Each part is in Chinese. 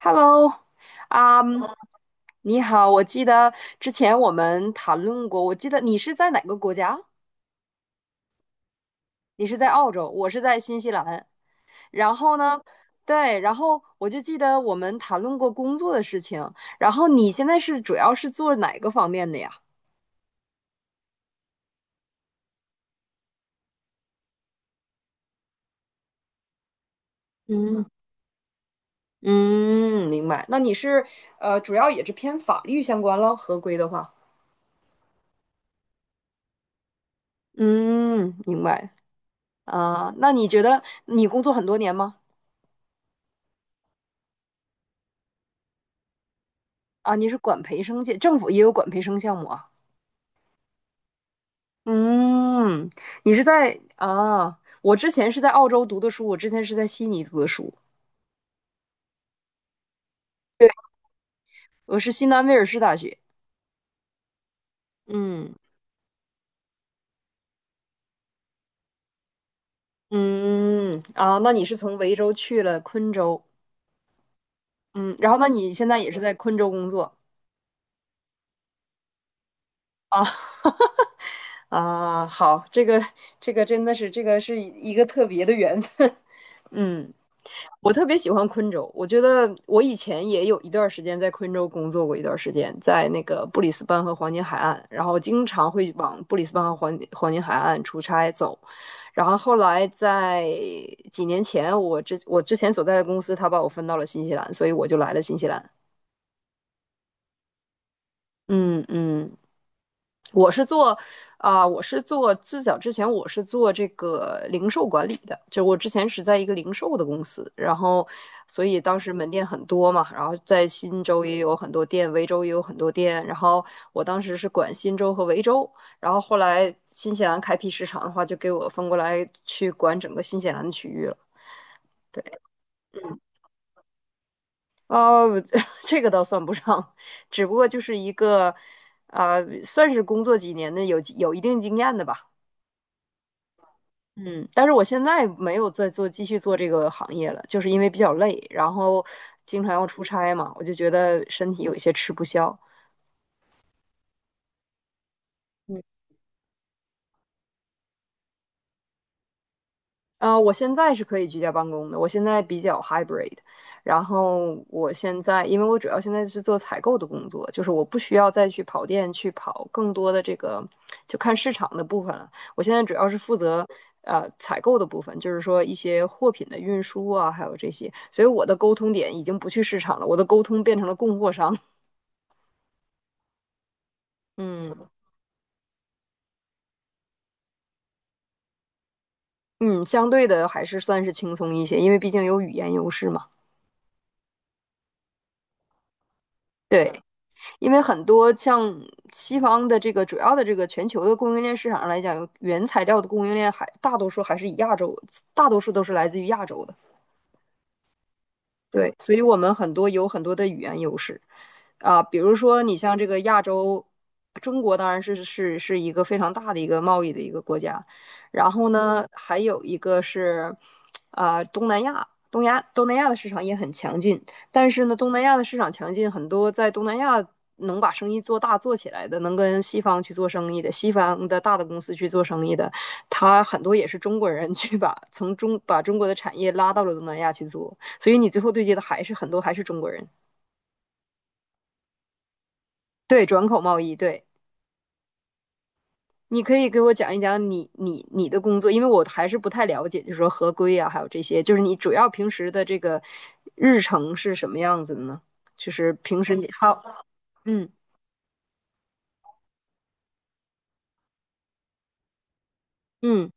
Hello，啊你好，我记得之前我们谈论过，我记得你是在哪个国家？你是在澳洲，我是在新西兰。然后呢，对，然后我就记得我们谈论过工作的事情。然后你现在是主要是做哪个方面的呀？嗯，嗯，明白。那你是主要也是偏法律相关咯，合规的话。嗯，明白。啊、那你觉得你工作很多年吗？啊，你是管培生界，政府也有管培生项目啊。嗯，你是在啊？我之前是在澳洲读的书，我之前是在悉尼读的书，对，我是新南威尔士大学。嗯嗯啊，那你是从维州去了昆州，嗯，然后那你现在也是在昆州工作啊？啊，好，这个真的是这个是一个特别的缘分。嗯，我特别喜欢昆州，我觉得我以前也有一段时间在昆州工作过一段时间，在那个布里斯班和黄金海岸，然后经常会往布里斯班和黄金海岸出差走。然后后来在几年前，我之前所在的公司，他把我分到了新西兰，所以我就来了新西兰。嗯嗯，我是做啊、呃我是做最早之前我是做这个零售管理的，就我之前是在一个零售的公司，然后所以当时门店很多嘛，然后在新州也有很多店，维州也有很多店，然后我当时是管新州和维州，然后后来新西兰开辟市场的话，就给我分过来去管整个新西兰的区域了。哦，这个倒算不上，只不过就是一个，算是工作几年的有一定经验的吧。嗯，但是我现在没有继续做这个行业了，就是因为比较累，然后经常要出差嘛，我就觉得身体有一些吃不消。我现在是可以居家办公的，我现在比较 hybrid，然后我现在因为我主要现在是做采购的工作，就是我不需要再去跑店去跑更多的这个就看市场的部分了，我现在主要是负责采购的部分，就是说一些货品的运输啊，还有这些，所以我的沟通点已经不去市场了，我的沟通变成了供货商，嗯嗯，相对的还是算是轻松一些，因为毕竟有语言优势嘛，对。因为很多像西方的这个主要的这个全球的供应链市场上来讲，原材料的供应链还大多数还是以亚洲，大多数都是来自于亚洲的。对，所以我们有很多的语言优势啊，比如说你像这个亚洲，中国当然是一个非常大的一个贸易的一个国家，然后呢，还有一个是啊东南亚，东南亚的市场也很强劲，但是呢，东南亚的市场强劲，很多在东南亚能把生意做大做起来的，能跟西方去做生意的，西方的大的公司去做生意的，他很多也是中国人去把中国的产业拉到了东南亚去做。所以你最后对接的还是很多还是中国人。对，转口贸易，对，你可以给我讲一讲你的工作，因为我还是不太了解，就是说合规啊，还有这些，就是你主要平时的这个日程是什么样子的呢？就是平时你好，嗯嗯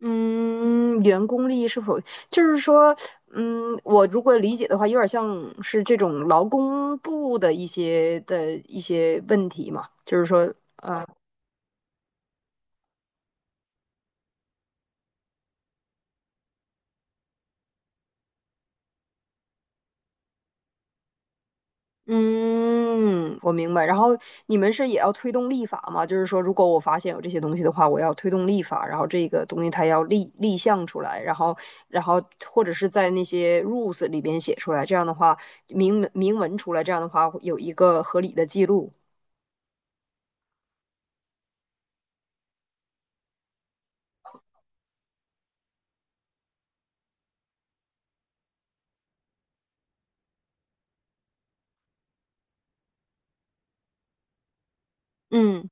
嗯，员工利益是否就是说，嗯，我如果理解的话，有点像是这种劳工部的一些问题嘛，就是说嗯，我明白。然后你们是也要推动立法吗？就是说，如果我发现有这些东西的话，我要推动立法，然后这个东西它要立项出来，然后，或者是在那些 rules 里边写出来，这样的话明文出来，这样的话会有一个合理的记录。嗯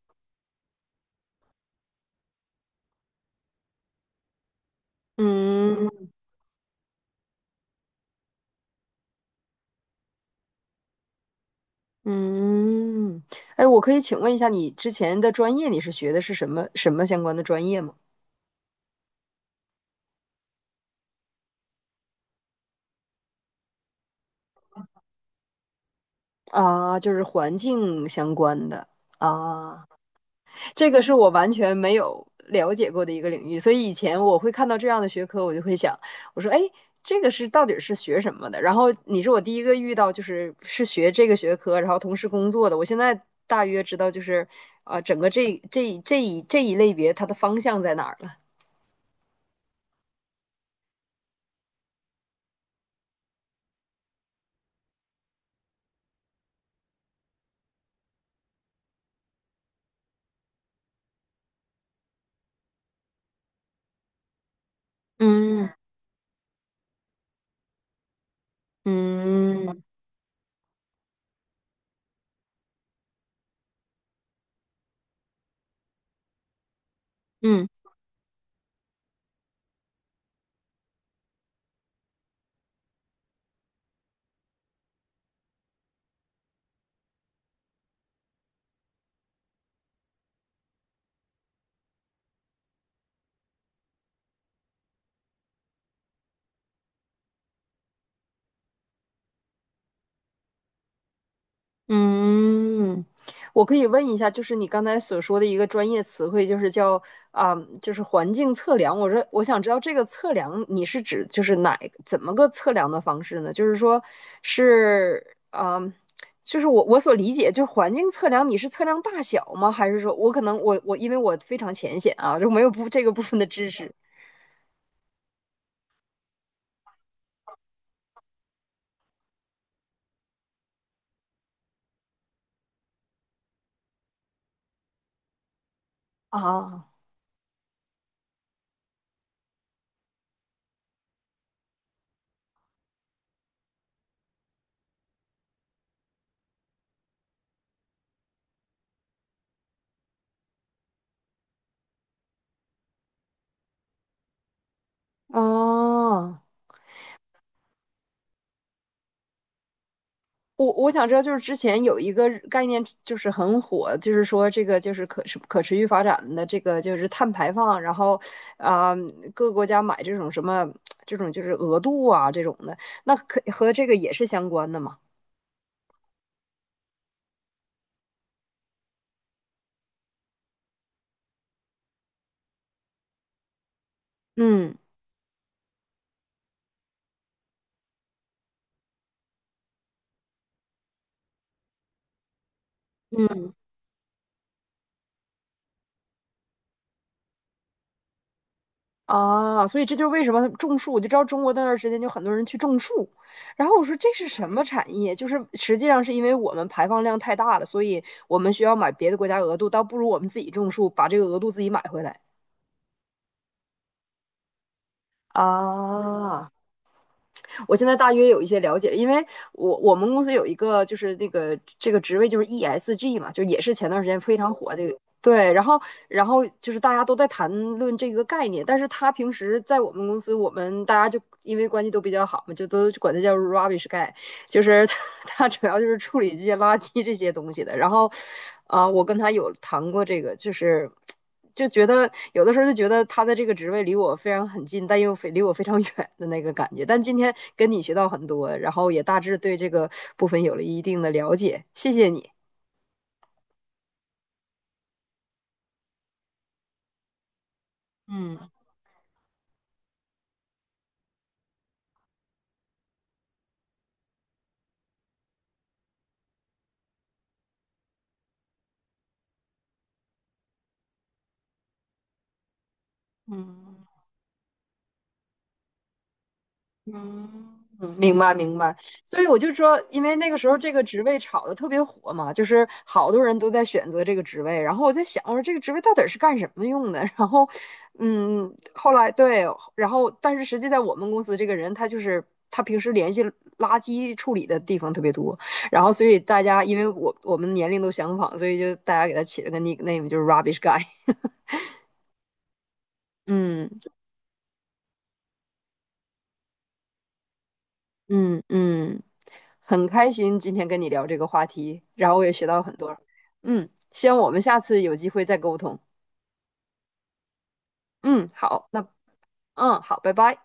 嗯嗯。哎，我可以请问一下，你之前的专业你是学的是什么什么相关的专业吗？啊，就是环境相关的啊。这个是我完全没有了解过的一个领域，所以以前我会看到这样的学科，我就会想，我说，哎，这个是到底是学什么的？然后你是我第一个遇到，就是是学这个学科，然后同时工作的。我现在大约知道，就是整个这一类别它的方向在哪儿了。嗯嗯嗯。嗯，我可以问一下，就是你刚才所说的一个专业词汇，就是叫啊、就是环境测量。我说，我想知道这个测量你是指就是哪一个怎么个测量的方式呢？就是说是啊、就是我所理解，就是环境测量，你是测量大小吗？还是说我可能我因为我非常浅显啊，就没有不这个部分的知识啊哦。我想知道，就是之前有一个概念，就是很火，就是说这个就是可持续发展的这个就是碳排放，然后啊、各个国家买这种什么这种就是额度啊这种的，那可和这个也是相关的嘛？嗯啊，所以这就是为什么种树，我就知道中国那段时间就很多人去种树，然后我说这是什么产业？就是实际上是因为我们排放量太大了，所以我们需要买别的国家额度，倒不如我们自己种树，把这个额度自己买回来。啊，我现在大约有一些了解，因为我们公司有一个就是那个这个职位就是 ESG 嘛，就也是前段时间非常火的对，然后，就是大家都在谈论这个概念，但是他平时在我们公司，我们大家就因为关系都比较好嘛，就都管他叫 rubbish guy，就是他 主要就是处理这些垃圾这些东西的。然后，我跟他有谈过这个，就是就觉得有的时候就觉得他的这个职位离我非常很近，但又非离我非常 远的那个感觉。但今天跟你学到很多，然后也大致对这个部分有了一定的了解，谢谢你。嗯嗯。嗯，明白明白，所以我就说，因为那个时候这个职位炒的特别火嘛，就是好多人都在选择这个职位。然后我在想，我说这个职位到底是干什么用的？然后，嗯，后来对，然后但是实际在我们公司，这个人他就是他平时联系垃圾处理的地方特别多，然后所以大家因为我们年龄都相仿，所以就大家给他起了个 nickname，就是 rubbish guy。嗯嗯嗯。很开心今天跟你聊这个话题，然后我也学到很多。嗯，希望我们下次有机会再沟通。嗯，好，那嗯，好，拜拜。